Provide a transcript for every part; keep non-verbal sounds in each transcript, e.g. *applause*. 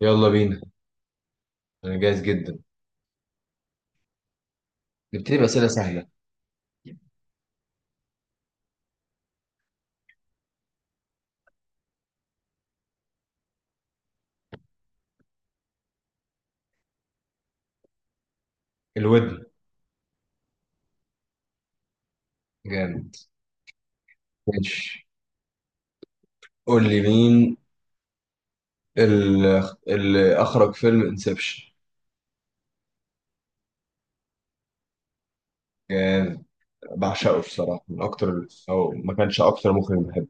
يلا بينا. انا جاهز جدا. نبتدي بأسئلة سهلة. الودن. جامد. ماشي، قول لي مين ال- اللي اخرج فيلم انسبشن. جامد. بعشقه بصراحة، من اكتر، او ما كانش اكتر مخرج بحبه.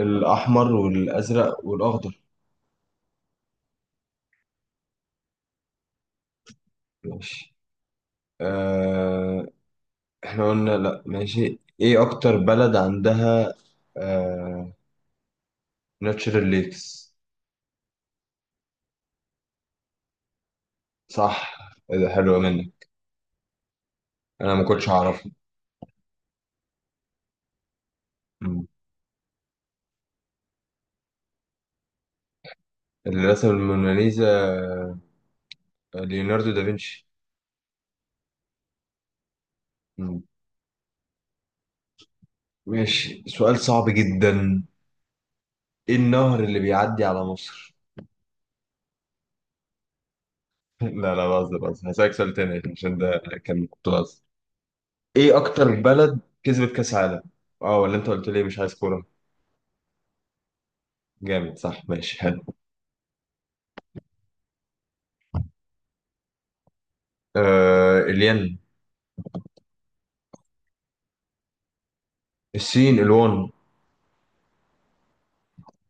الاحمر والازرق والاخضر. ماشي. آه... احنا قلنا، لا ماشي، ايه اكتر بلد عندها آه... ناتشرال ليكس. صح. إيه ده؟ حلو منك، انا ما كنتش اعرفه. مم. اللي رسم الموناليزا ليوناردو دافنشي. مم. ماشي، سؤال صعب جدا. ايه النهر اللي بيعدي على مصر؟ *laughs* لا لا، بهزر بهزر، هسألك سؤال تاني عشان ده كنت بهزر. ايه اكتر بلد كسبت كاس عالم؟ اه، ولا انت قلت لي مش عايز كورة. جامد، صح. ماشي، حلو. الين. الصين الوان.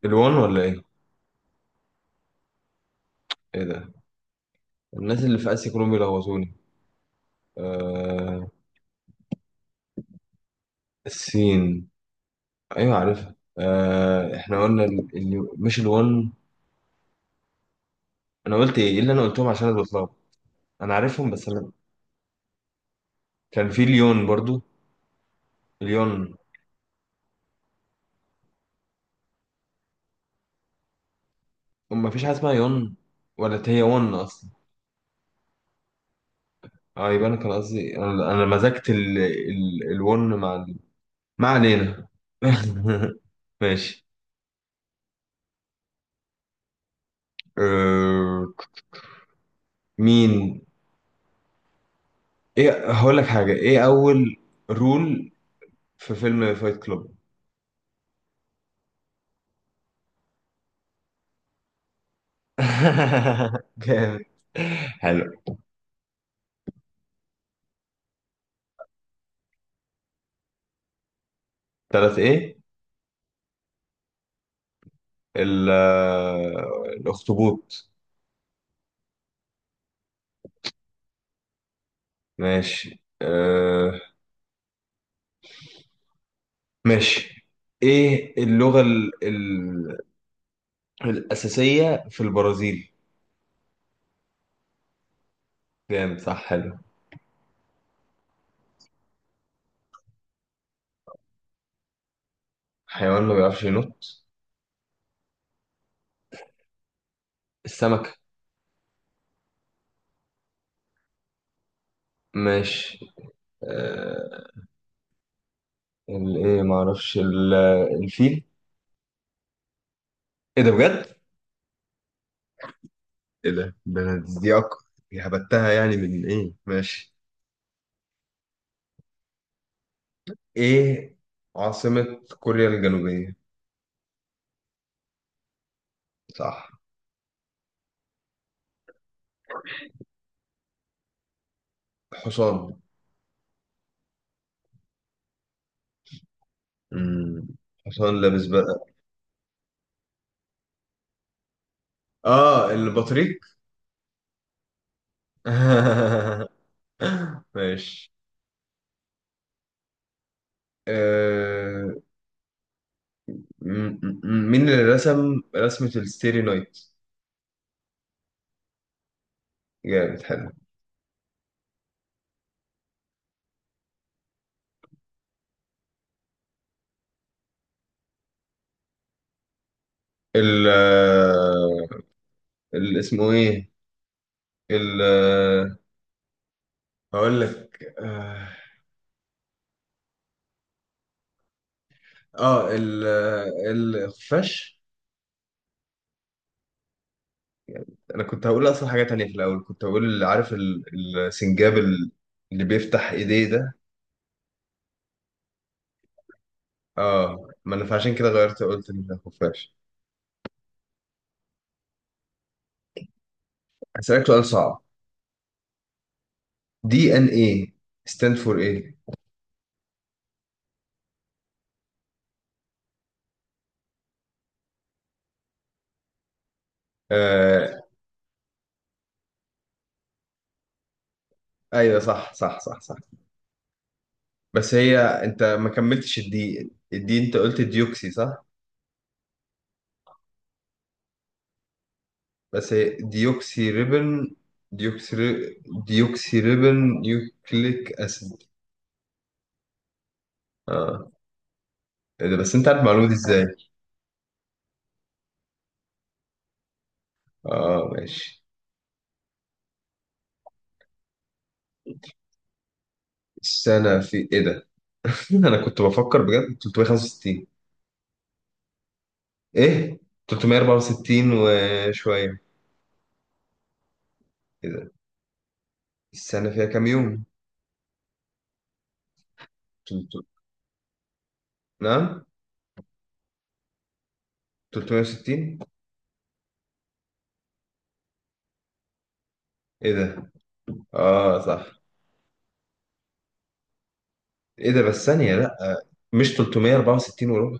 الوان ولا ايه؟ ايه ده؟ الناس اللي في اسيا كلهم بيلخبطوني. آه الصين، ايوه عارفها. احنا قلنا مش الوان. انا قلت ايه؟ إيه اللي انا قلتهم؟ عشان أنا بتلخبط. انا عارفهم بس أنا... كان في ليون برضو. ليون. ما فيش حاجه اسمها يون، ولا هي ون اصلا. اه، يبقى انا كان قصدي، أنا مزجت الون مع ما علينا. *laughs* ماشي. أه... مين ايه، هقول لك حاجه، ايه اول رول في فيلم فايت كلوب؟ *laughs* جامد، حلو. ثلاث ايه؟ ال... آه، الاخطبوط. ماشي. ماشي. ايه اللغة الأساسية في البرازيل؟ جامد، صح. حلو. حيوان ما بيعرفش ينط؟ السمك. ماشي. آه... الايه؟ ما اعرفش الفيل. ايه ده بجد؟ ايه ده؟ ده انا دي دي هبتها يعني من ايه؟ ماشي. ايه عاصمة كوريا الجنوبية؟ صح. حصان. مم. حصان لابس بقى. اه، البطريق. *laughs* ماشي. آه... مين اللي رسم رسمة الستيري نايت؟ جامد، حلو. ال آه، اسمه ايه؟ ال آه، هقول لك. اه آه، ال آه، الخفاش. انا كنت هقول اصلا حاجة تانية في الاول، كنت هقول عارف السنجاب اللي بيفتح ايديه ده. اه، ما انا فعشان كده غيرت، قلت إن ده خفاش. هسألك سؤال صعب. DNA stand for ايه؟ آه ايوه، صح، صح، صح، صح. بس هي، انت ما كملتش الدي، انت قلت ديوكسي صح. بس هي ديوكسي ريبن، ديوكسي ري... ديوكسي ريبن يوكليك اسيد. اه، ايه ده؟ بس انت عارف المعلومه دي ازاي؟ اه، ماشي. السنه في ايه ده؟ *laughs* انا كنت بفكر بجد. 365. ايه، 364 وشويه. ايه ده؟ السنه فيها كام يوم؟ تلت... نعم. 360. ايه ده؟ اه، صح. ايه ده؟ بس ثانيه، لا، مش 364.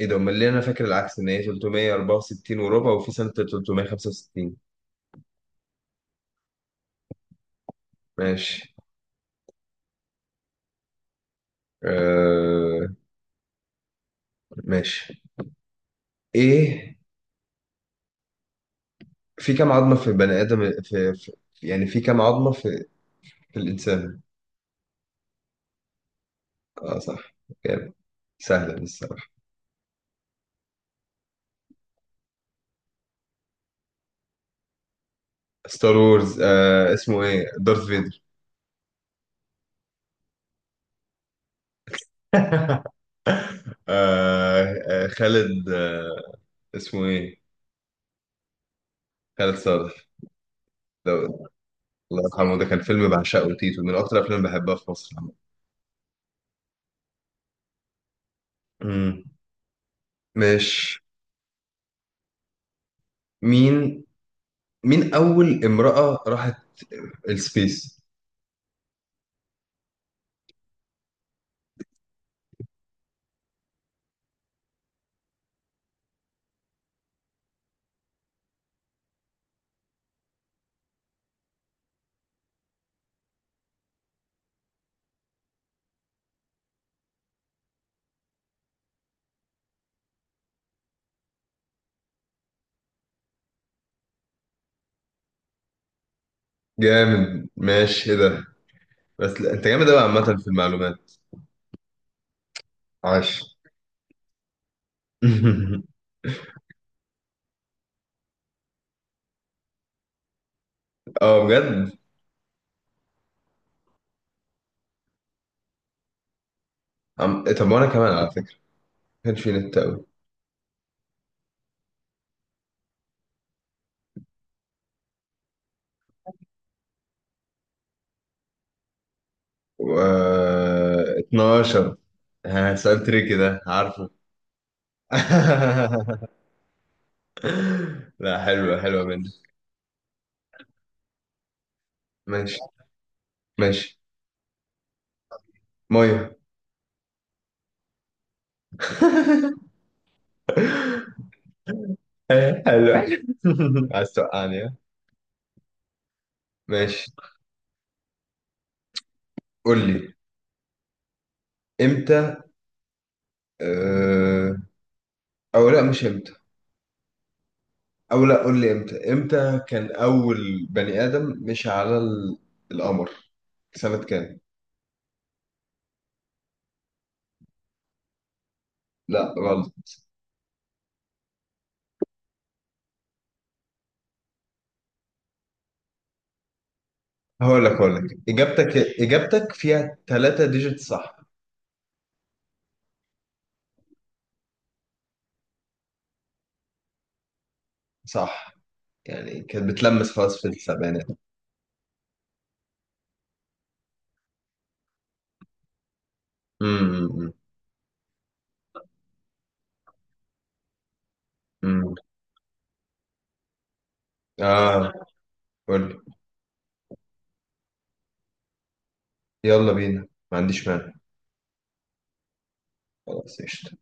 ايه ده؟ امال ليه انا فاكر العكس ان هي 364 وربع وفي سنة 365؟ ماشي. آه ماشي. ايه، في كام عظمة في البني ادم، في يعني، في كام عظمة في الانسان؟ اه، صح. جامد. سهلة دي الصراحة. ستار وورز. اسمه ايه؟ دارث فيدر. *laughs* خالد. اسمه ايه؟ خالد صالح. لو الله يرحمه. ده كان فيلم بعشقه، تيتو، من اكتر افلام بحبها في مصر عامة. امم ماشي. مين مين أول امرأة راحت السبيس؟ جامد. ماشي. إيه ده؟ بس لا، أنت جامد أوي عامة في المعلومات. عاش. *laughs* بجد. طب، وأنا كمان على فكرة ما كانش في نت أوي. و... 12. ها، سؤال تريكي ده عارفه. *laughs* لا، حلوة حلوة مني. ماشي، ماشي. مية. *laughs* حلو. *laughs* عايز توقعني، ها؟ ماشي. قول لي امتى اه... او لا، مش امتى، او لا قول لي امتى كان اول بني ادم مشي على القمر سنة كام؟ لا، غلط. هقول لك، اجابتك فيها ثلاثة ديجيت، صح؟ صح، يعني كانت بتلمس خلاص في السبعينات. امم، امم، إمم، إمم. اه، قول لي. يلا بينا، ما عنديش مانع. خلاص، قشطة.